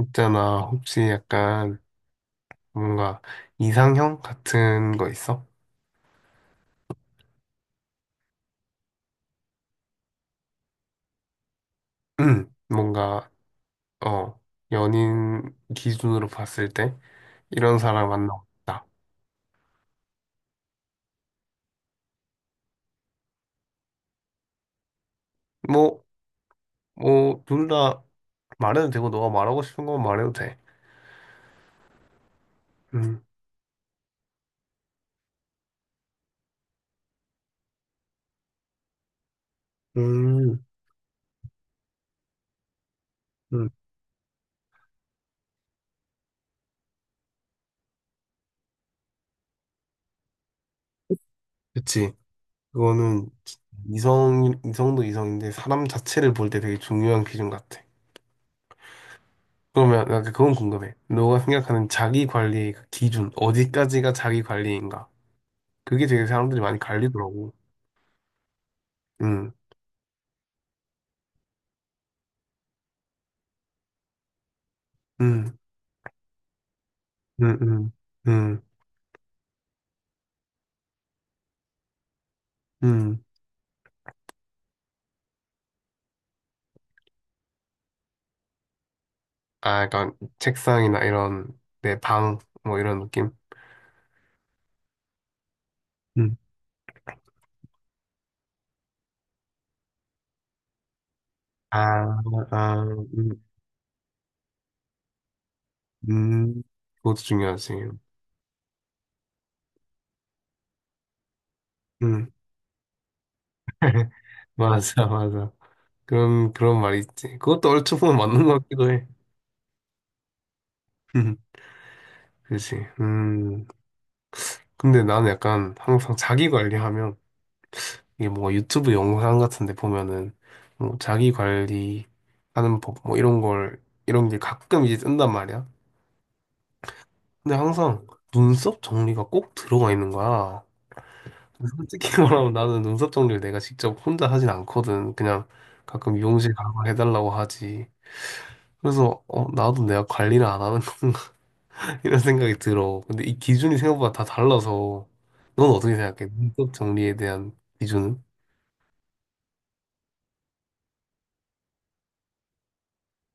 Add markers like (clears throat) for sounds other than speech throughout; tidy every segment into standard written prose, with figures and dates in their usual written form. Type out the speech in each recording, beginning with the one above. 있잖아, 혹시 약간 뭔가 이상형 같은 거 있어? (clears throat) 뭔가, 어, 연인 기준으로 봤을 때 이런 사람 만나고 싶다. 뭐, 뭐, 둘 다 말해도 되고, 너가 말하고 싶은 건 말해도 돼. 음, 음, 음, 그치. 그거는 이성, 이성도 이성인데 사람 자체를 볼 때 되게 중요한 기준 같아. 그러면, 나 그건 궁금해. 너가 생각하는 자기 관리의 그 기준, 어디까지가 자기 관리인가? 그게 되게 사람들이 많이 갈리더라고. 음, 음, 음, 음, 음, 음. 아, 약간 책상이나 이런 내 방, 뭐 이런 느낌? 음. 아, 아, 음, 음. 그것도 중요하지. 음. (laughs) 맞아, 맞아. 그런 말이 있지. 그것도 얼추 보면 맞는 것 같기도 해. (laughs) 그렇지. 음. 근데 나는 약간 항상 자기 관리하면 이게 뭔가 유튜브 영상 같은 데 보면은 뭐 자기 관리하는 법 뭐 이런 게 가끔 이제 뜬단 말이야. 근데 항상 눈썹 정리가 꼭 들어가 있는 거야. 솔직히 (laughs) 말하면 나는 눈썹 정리를 내가 직접 혼자 하진 않거든. 그냥 가끔 미용실 가고 해달라고 하지. 그래서 어 나도 내가 관리를 안 하는 건가 (laughs) 이런 생각이 들어. 근데 이 기준이 생각보다 다 달라서 넌 어떻게 생각해? 눈썹 정리에 대한 기준은?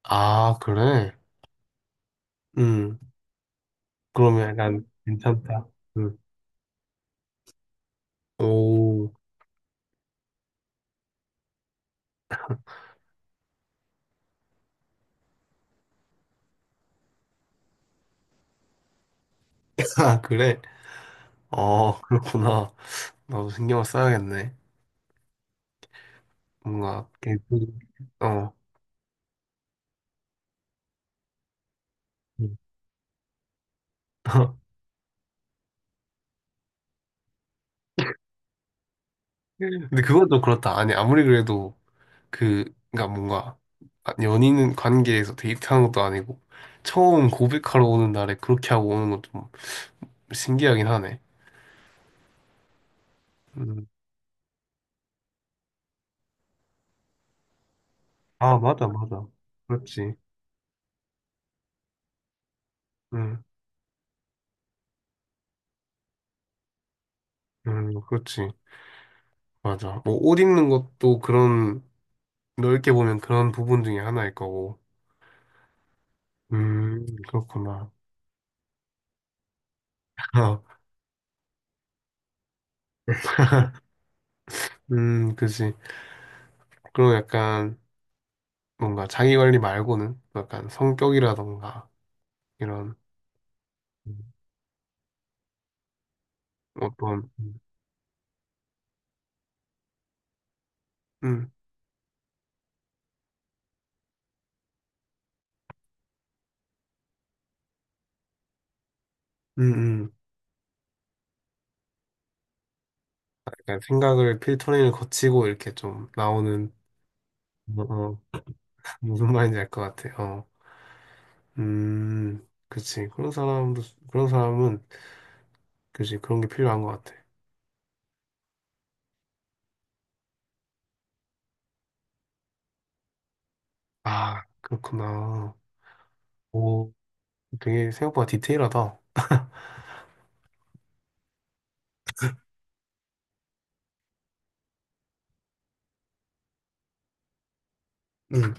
아 그래? 음. 그러면 약간 괜찮다. 응. 오, (laughs) 아, 그래? 어, 그렇구나. 나도 신경을 써야겠네. 뭔가, 개꿀, 어. 응. (laughs) 근데 그건 또 그렇다. 아니, 아무리 그래도 그, 그니까 뭔가, 아, 연인 관계에서 데이트하는 것도 아니고, 처음 고백하러 오는 날에 그렇게 하고 오는 건 좀 신기하긴 하네. 음. 아, 맞아, 맞아. 그렇지. 응, 응, 그렇지. 맞아. 뭐, 옷 입는 것도 그런, 넓게 보면 그런 부분 중에 하나일 거고. 그렇구나. (laughs) 어, 그지. 그리고 약간 뭔가 자기 관리 말고는 약간 성격이라던가 이런 음, 어떤, 음, 음. 약간 생각을 필터링을 거치고 이렇게 좀 나오는, 어, 어, 무슨 말인지 알 것 같아. 어, 그치. 그런 사람도, 그런 사람은, 그지. 그런 게 필요한 것 같아. 아, 그렇구나. 오, 되게 생각보다 디테일하다. 음.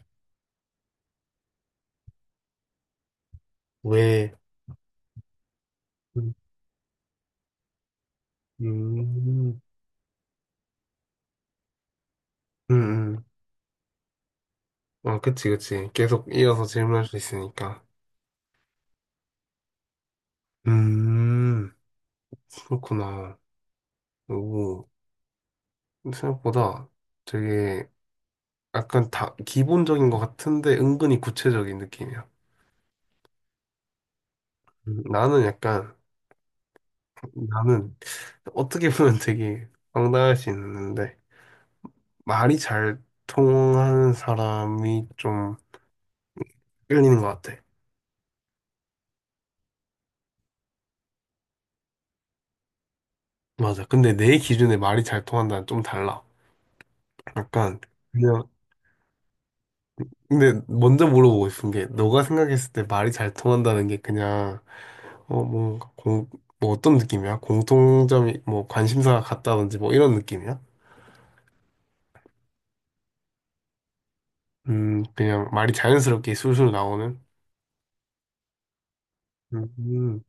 왜, 음, 음, 음. 아, 그치, 그치. 계속 이어서 질문할 수 있으니까. 음, 그렇구나. 오, 생각보다 되게 약간 다 기본적인 것 같은데 은근히 구체적인 느낌이야. 음, 나는 약간, 나는 어떻게 보면 되게 황당할 수 있는데 말이 잘 통하는 사람이 좀 끌리는 것 같아. 맞아. 근데 내 기준에 말이 잘 통한다는 좀 달라. 약간, 근데 먼저 물어보고 싶은 게 너가 생각했을 때 말이 잘 통한다는 게 그냥 어 뭔가 공 뭐 어떤 느낌이야? 공통점이 뭐 관심사가 같다든지 뭐 이런 느낌이야? 그냥 말이 자연스럽게 술술 나오는 음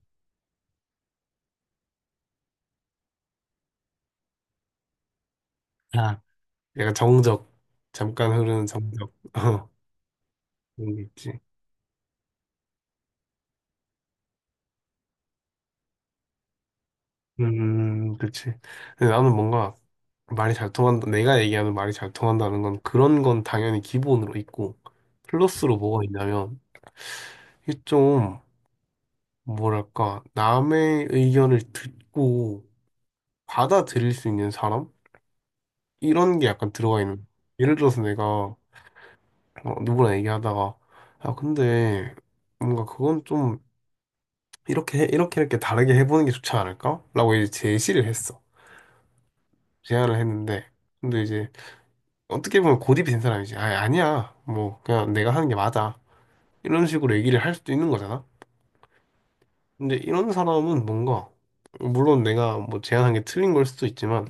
아. 약간 정적 잠깐 흐르는 정적 (laughs) 어 그런 게 있지 그치 근데 나는 뭔가 말이 잘 통한다 내가 얘기하는 말이 잘 통한다는 건 그런 건 당연히 기본으로 있고 플러스로 뭐가 있냐면 이게 좀 뭐랄까, 남의 의견을 듣고 받아들일 수 있는 사람? 이런 게 약간 들어가 있는. 예를 들어서 내가 어, 누구랑 얘기하다가, 아, 근데 뭔가 그건 좀 이렇게, 이렇게, 이렇게 다르게 해보는 게 좋지 않을까? 라고 이제 제시를 했어. 제안을 했는데. 근데 이제 어떻게 보면 고집이 된 사람이지. 아, 아니야. 뭐, 그냥 내가 하는 게 맞아. 이런 식으로 얘기를 할 수도 있는 거잖아. 근데 이런 사람은 뭔가, 물론 내가 뭐 제안한 게 틀린 걸 수도 있지만,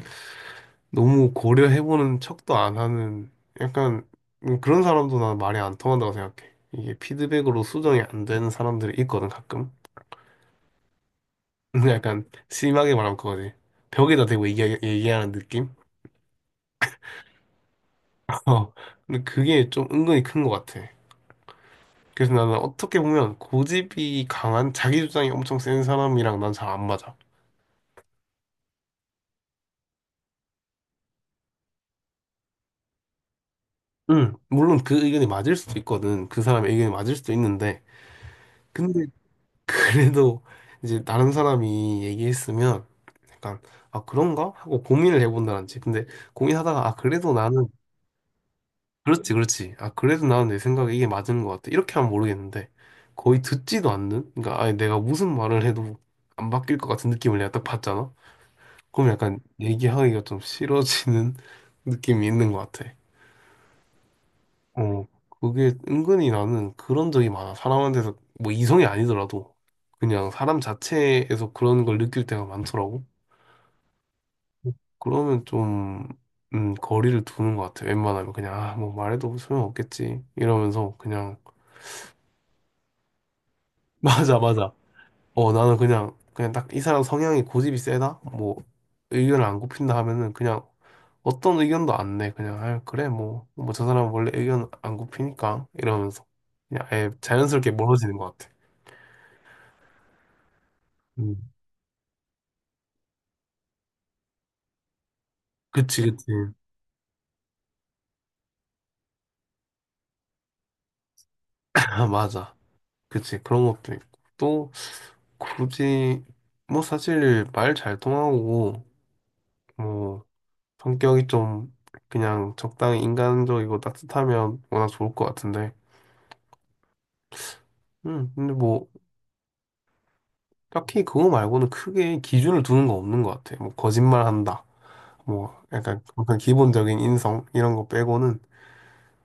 너무 고려해보는 척도 안 하는 약간 그런 사람도 난 말이 안 통한다고 생각해. 이게 피드백으로 수정이 안 되는 사람들이 있거든 가끔. (laughs) 근데 약간 심하게 말하면 그거지. 벽에다 대고 얘기하는 느낌? (laughs) 어. 근데 그게 좀 은근히 큰 것 같아. 그래서 나는 어떻게 보면 고집이 강한 자기 주장이 엄청 센 사람이랑 난 잘 안 맞아. 응, 물론 그 의견이 맞을 수도 있거든. 그 사람의 의견이 맞을 수도 있는데. 근데 그래도 이제 다른 사람이 얘기했으면 약간 아 그런가 하고 고민을 해본다든지 근데 고민하다가 아 그래도 나는 그렇지 그렇지 아 그래도 나는 내 생각에 이게 맞는 것 같아 이렇게 하면 모르겠는데 거의 듣지도 않는 그러니까 아니 내가 무슨 말을 해도 안 바뀔 것 같은 느낌을 내가 딱 받잖아 그럼 약간 얘기하기가 좀 싫어지는 (laughs) 느낌이 있는 것 같아 어, 그게 은근히 나는 그런 적이 많아. 사람한테서, 뭐 이성이 아니더라도, 그냥 사람 자체에서 그런 걸 느낄 때가 많더라고. 그러면 좀, 거리를 두는 것 같아. 웬만하면 그냥, 아, 뭐 말해도 소용없겠지. 이러면서 그냥, (laughs) 맞아, 맞아. 어, 나는 그냥, 그냥 딱 이 사람 성향이 고집이 세다? 뭐, 의견을 안 굽힌다 하면은 그냥 어떤 의견도 안 내. 그냥, 아, 그래, 뭐, 뭐 저 사람 원래 의견 안 굽히니까. 이러면서. 그냥 아예 자연스럽게 멀어지는 것 같아. 음, 그치, 그치. (laughs) 아, 맞아. 그치. 그런 것도 있고. 또, 굳이, 뭐, 사실, 말 잘 통하고, 뭐, 성격이 좀, 그냥 적당히 인간적이고 따뜻하면 워낙 좋을 것 같은데. 근데 뭐, 딱히 그거 말고는 크게 기준을 두는 거 없는 것 같아. 뭐, 거짓말 한다. 뭐, 약간, 약간 기본적인 인성, 이런 거 빼고는.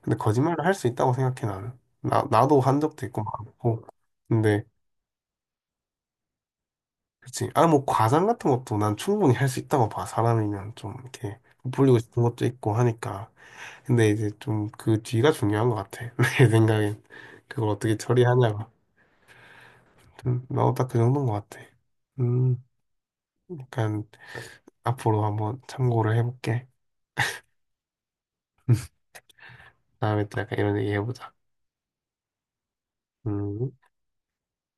근데 거짓말을 할 수 있다고 생각해, 나는. 나도 한 적도 있고 많고. 근데, 그치. 아, 뭐, 과장 같은 것도 난 충분히 할 수 있다고 봐. 사람이면 좀 이렇게 부풀리고 싶은 것도 있고 하니까. 근데 이제 좀 그 뒤가 중요한 것 같아. (laughs) 내 생각엔. 그걸 어떻게 처리하냐가. 나도 딱 그 정도인 것 같아. 음, 약간 앞으로 한번 참고를 해볼게. 다음에 또 약간 이런 얘기 해보자. 음.